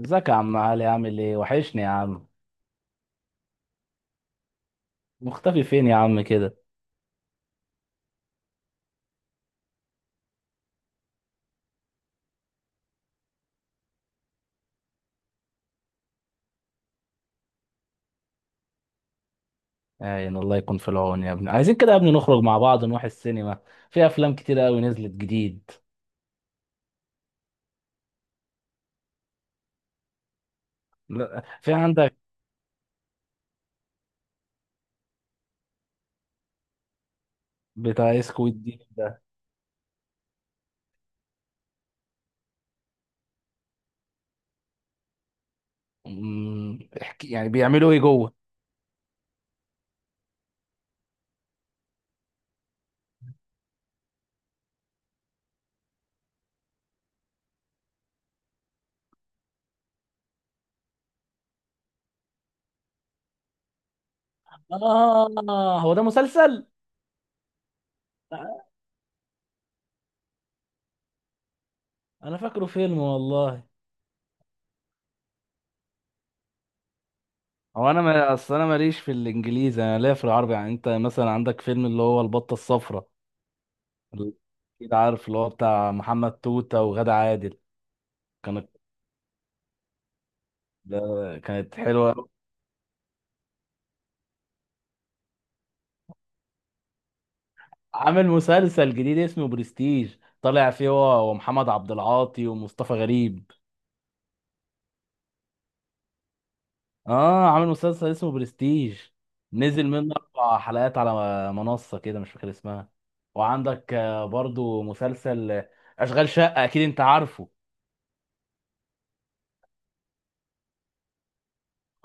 ازيك يا عم علي، عامل ايه؟ وحشني يا عم. مختفي فين يا عم كده؟ عين الله يكون في العون يا ابني. عايزين كده يا ابني نخرج مع بعض، نروح السينما. في افلام كتير قوي نزلت جديد. لا، في عندك. بتاع ايه، سكويد دي؟ احكي يعني بيعملوا ايه جوه؟ اه، هو ده مسلسل؟ انا فاكره فيلم والله. هو انا، ما اصل انا ماليش في الانجليزي، انا ليا في العربي، يعني انت مثلا عندك فيلم اللي هو البطه الصفراء. ال- اكيد عارف اللي هو بتاع محمد توته وغادة عادل. كان، ده، كانت حلوة. عامل مسلسل جديد اسمه برستيج، طالع فيه هو ومحمد عبد العاطي ومصطفى غريب. اه، عامل مسلسل اسمه برستيج. نزل منه اربع حلقات على منصة كده، مش فاكر اسمها. وعندك برضو مسلسل اشغال شقة، اكيد انت عارفه.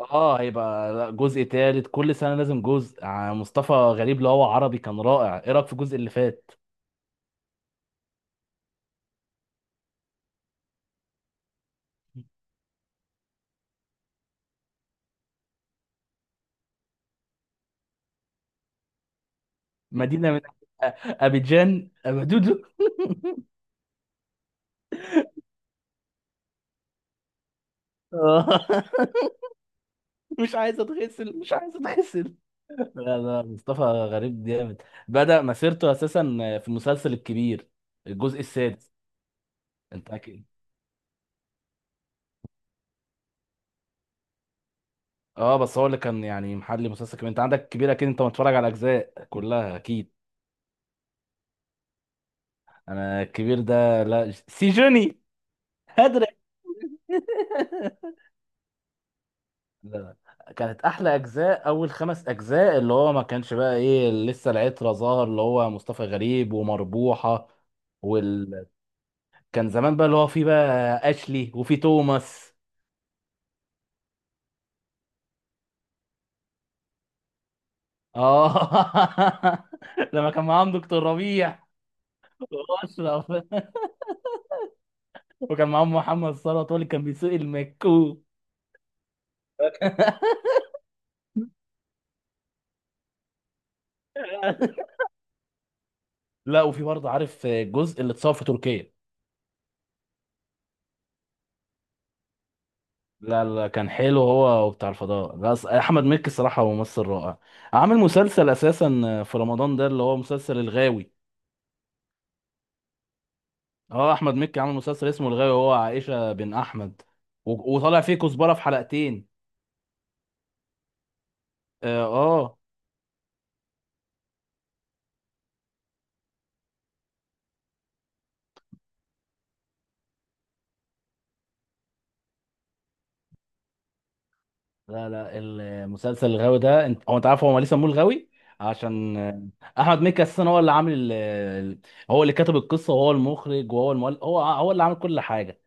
اه، هيبقى لا، جزء تالت، كل سنة لازم جزء. مصطفى غريب اللي هو عربي كان رائع. ايه رأيك في الجزء اللي فات؟ مدينة من أبيجان أبدودو. آه. مش عايز اتغسل، مش عايز اتغسل. لا، لا، مصطفى غريب جامد. بدأ مسيرته اساسا في المسلسل الكبير، الجزء السادس. انت اكيد. اه، بس هو اللي كان يعني محلي مسلسل كبير. انت عندك الكبير اكيد، انت متفرج على اجزاء كلها اكيد. انا الكبير ده، لا، سيجوني. هدري. لا، لا، كانت احلى اجزاء اول خمس اجزاء اللي هو ما كانش بقى ايه، لسه العترة ظاهر اللي هو مصطفى غريب ومربوحة. وال... كان زمان بقى، اللي هو في بقى اشلي وفي توماس. اه. لما كان معاهم دكتور ربيع واشرف. وكان معاهم محمد صلاح، هو اللي كان بيسوق المكوك. لا، وفي برضه، عارف الجزء اللي اتصور في تركيا؟ لا، لا، كان حلو هو وبتاع الفضاء. لا، احمد مكي الصراحه هو ممثل رائع. عامل مسلسل اساسا في رمضان ده اللي هو مسلسل الغاوي. اه، احمد مكي عامل مسلسل اسمه الغاوي، هو عائشه بن احمد. وطالع فيه كزبره في حلقتين. اه. آه. لا، لا، المسلسل الغاوي ده، انت عارف هو ليه سموه الغاوي؟ عشان احمد مكي اساسا هو اللي عامل هو اللي كتب القصه، وهو المخرج، وهو المؤلف، هو اللي عامل كل حاجه.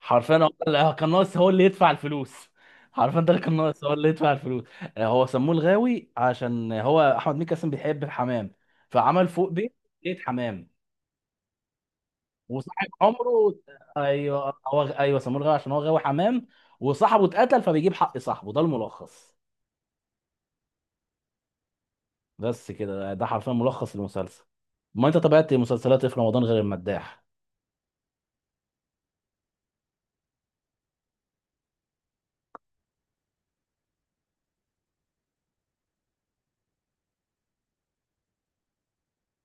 حرفيا كان ناقص هو اللي يدفع الفلوس. حرفيا ده اللي كان ناقص هو اللي يدفع الفلوس. هو سموه الغاوي عشان هو احمد مكي اصلا بيحب الحمام. فعمل فوق بيت. بيت حمام. وصاحب عمره. ايوه، هو، ايوه، سموه الغاوي عشان هو غاوي حمام. وصاحبه اتقتل، فبيجيب حق صاحبه، ده الملخص. بس كده، ده حرفيا ملخص المسلسل. ما انت تابعت مسلسلات ايه في رمضان غير المداح؟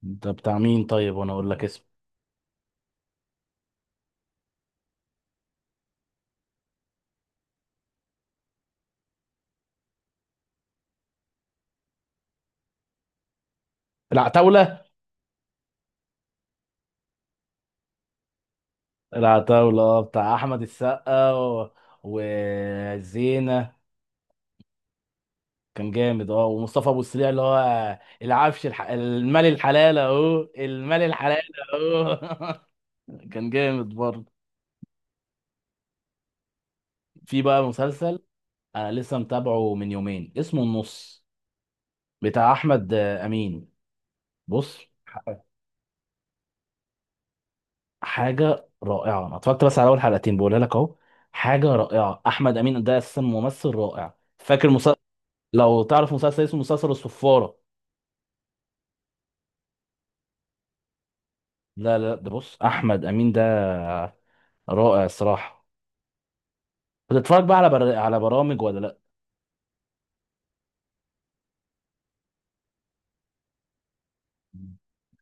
انت بتاع مين طيب؟ وانا اقول لك اسمه. العتاولة. العتاولة، اه، بتاع احمد السقا و... وزينة. كان جامد، اه، ومصطفى ابو السريع اللي هو العفش، المال الحلال، اهو المال الحلال، اهو. كان جامد برضه. في بقى مسلسل، انا لسه متابعه من يومين، اسمه النص، بتاع احمد امين. بص، حاجه رائعه، انا اتفرجت بس على اول حلقتين، بقولها لك اهو. حاجه رائعه، احمد امين ده اساسا ممثل رائع. فاكر مسلسل، لو تعرف مسلسل اسمه مسلسل الصفاره؟ لا، لا، لا، ده بص، احمد امين ده رائع الصراحه. بتتفرج بقى على برامج ولا لا؟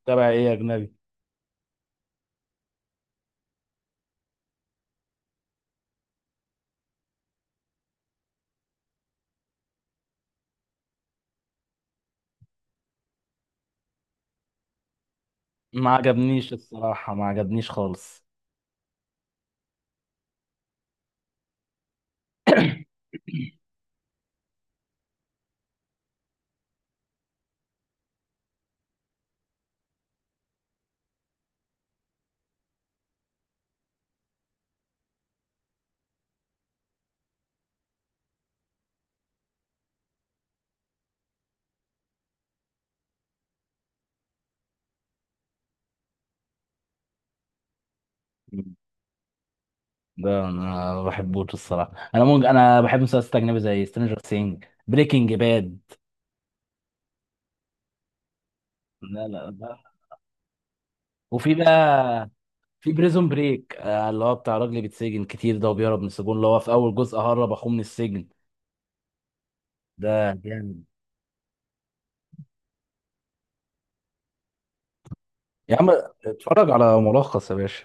تابع ايه يا اجنبي؟ ما عجبنيش الصراحه، ما عجبنيش خالص. مم. ده انا ما بحبوش الصراحه. انا ممكن، انا بحب مسلسلات اجنبي زي سترينجر سينج، بريكنج باد. لا، لا، ده، وفي بقى، في بريزون بريك، اللي هو بتاع راجل بيتسجن كتير ده، وبيهرب من السجون، اللي هو في اول جزء هرب اخوه من السجن. ده جامد. يا عم، اتفرج على ملخص يا باشا.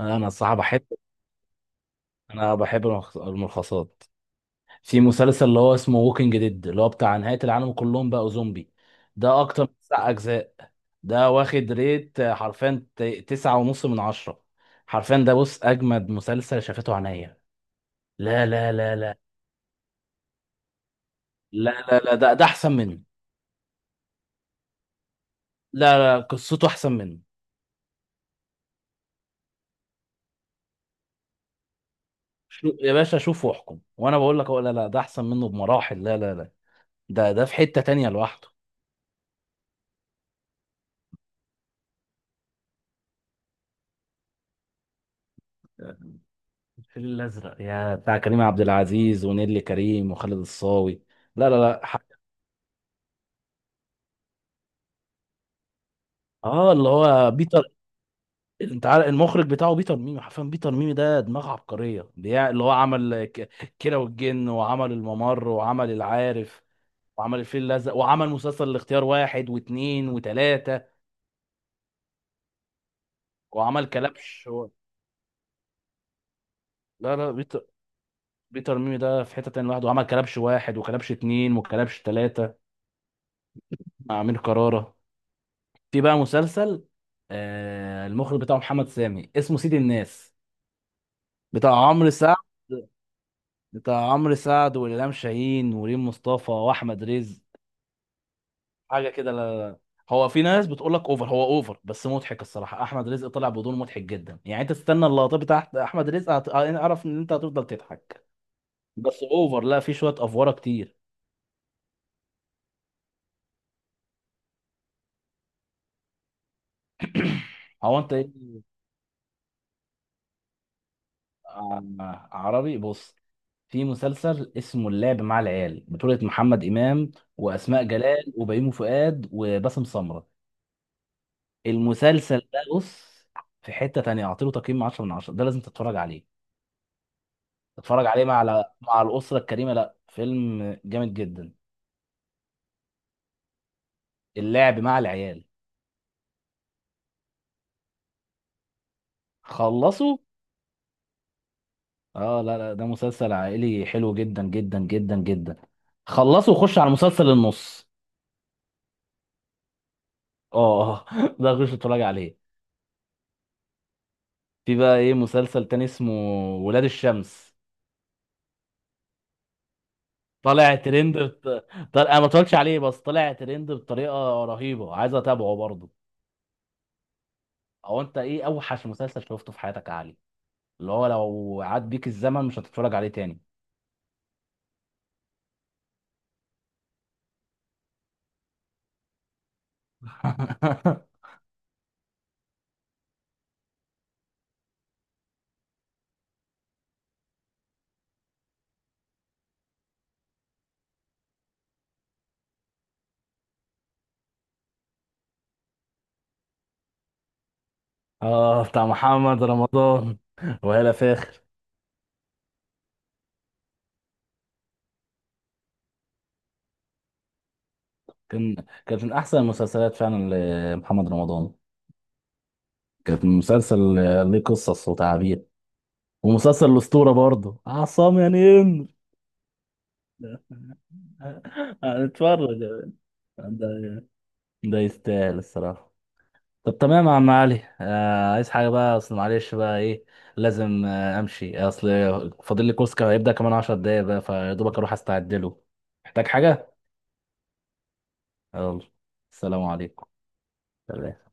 انا الصراحه بحب، انا بحب الملخصات. في مسلسل اللي هو اسمه ووكينج ديد، اللي هو بتاع نهايه العالم، كلهم بقوا زومبي. ده اكتر من تسع اجزاء. ده واخد ريت حرفيا تسعة ونص من عشرة. حرفيا ده بص، اجمد مسلسل شافته عينيا. لا، لا، لا، لا. لا، لا، لا، ده احسن منه. لا، لا، قصته احسن منه. شو يا باشا، شوف واحكم، وانا بقول لك أهو. لا، لا، ده احسن منه بمراحل، لا، لا، لا. ده في حتة تانية لوحده. الفيل الازرق يا بتاع كريم عبد العزيز، ونيللي كريم، وخالد الصاوي؟ لا، لا، لا، اه، اللي هو بيتر. انت عارف المخرج بتاعه بيتر ميمي؟ حرفيا بيتر ميمي ده دماغ عبقريه، اللي هو عمل كيرة والجن، وعمل الممر، وعمل العارف، وعمل الفيل الازرق، وعمل مسلسل الاختيار واحد واثنين وثلاثه. وعمل كلبش و... لا، لا، بيتر. بيتر ميمي ده في حتة تانية لوحده، وعمل كلبش واحد، وكلبش اتنين، وكلبش تلاتة، مع أمير كرارة. في بقى مسلسل، المخرج بتاعه محمد سامي، اسمه سيد الناس، بتاع عمرو سعد. بتاع عمرو سعد، وإلهام شاهين، وريم مصطفى، وأحمد رزق. حاجة كده. لا، لا، لا. هو في ناس بتقول لك اوفر. هو اوفر بس مضحك، الصراحة أحمد رزق طلع بدون مضحك جدا. يعني أنت تستنى اللقطات بتاعت أحمد رزق، أعرف إن أنت هتفضل تضحك. بس اوفر، لا، في شوية أفوارة كتير. هو أنت إيه؟ عربي، بص. في مسلسل اسمه اللعب مع العيال، بطولة محمد إمام، وأسماء جلال، وبيومي فؤاد، وباسم سمرة. المسلسل ده بص، في حتة تانية، أعطيله تقييم 10 من 10، ده لازم تتفرج عليه. تتفرج عليه مع الأسرة الكريمة. لا، فيلم جامد جدا. اللعب مع العيال. خلصوا. اه، لا، لا، ده مسلسل عائلي حلو جدا جدا جدا جدا. خلصوا وخش على مسلسل النص. اه. ده خش اتفرج عليه. في بقى ايه مسلسل تاني، اسمه ولاد الشمس. طالع ترند انا ما اتفرجتش عليه، بس طالع ترند بطريقه رهيبه، عايز اتابعه برضه. او انت ايه اوحش مسلسل شفته في حياتك يا علي، اللي هو لو عاد بيك الزمن مش هتتفرج عليه تاني؟ اه، بتاع محمد رمضان، وهلا فاخر. كان، كانت من احسن المسلسلات فعلا لمحمد رمضان. كانت مسلسل ليه قصص وتعابير. ومسلسل الاسطوره برضه، عصام يا نين. هنتفرج يا بنت. ده، ده يستاهل الصراحة. طب تمام يا عم علي. عايز حاجة بقى؟ أصل معلش بقى، إيه، لازم أمشي، أصل فاضل لي كوسكا، هيبدأ كمان عشر دقايق بقى، فيا دوبك أروح أستعد له. محتاج حاجة؟ يلا، السلام عليكم. سلام.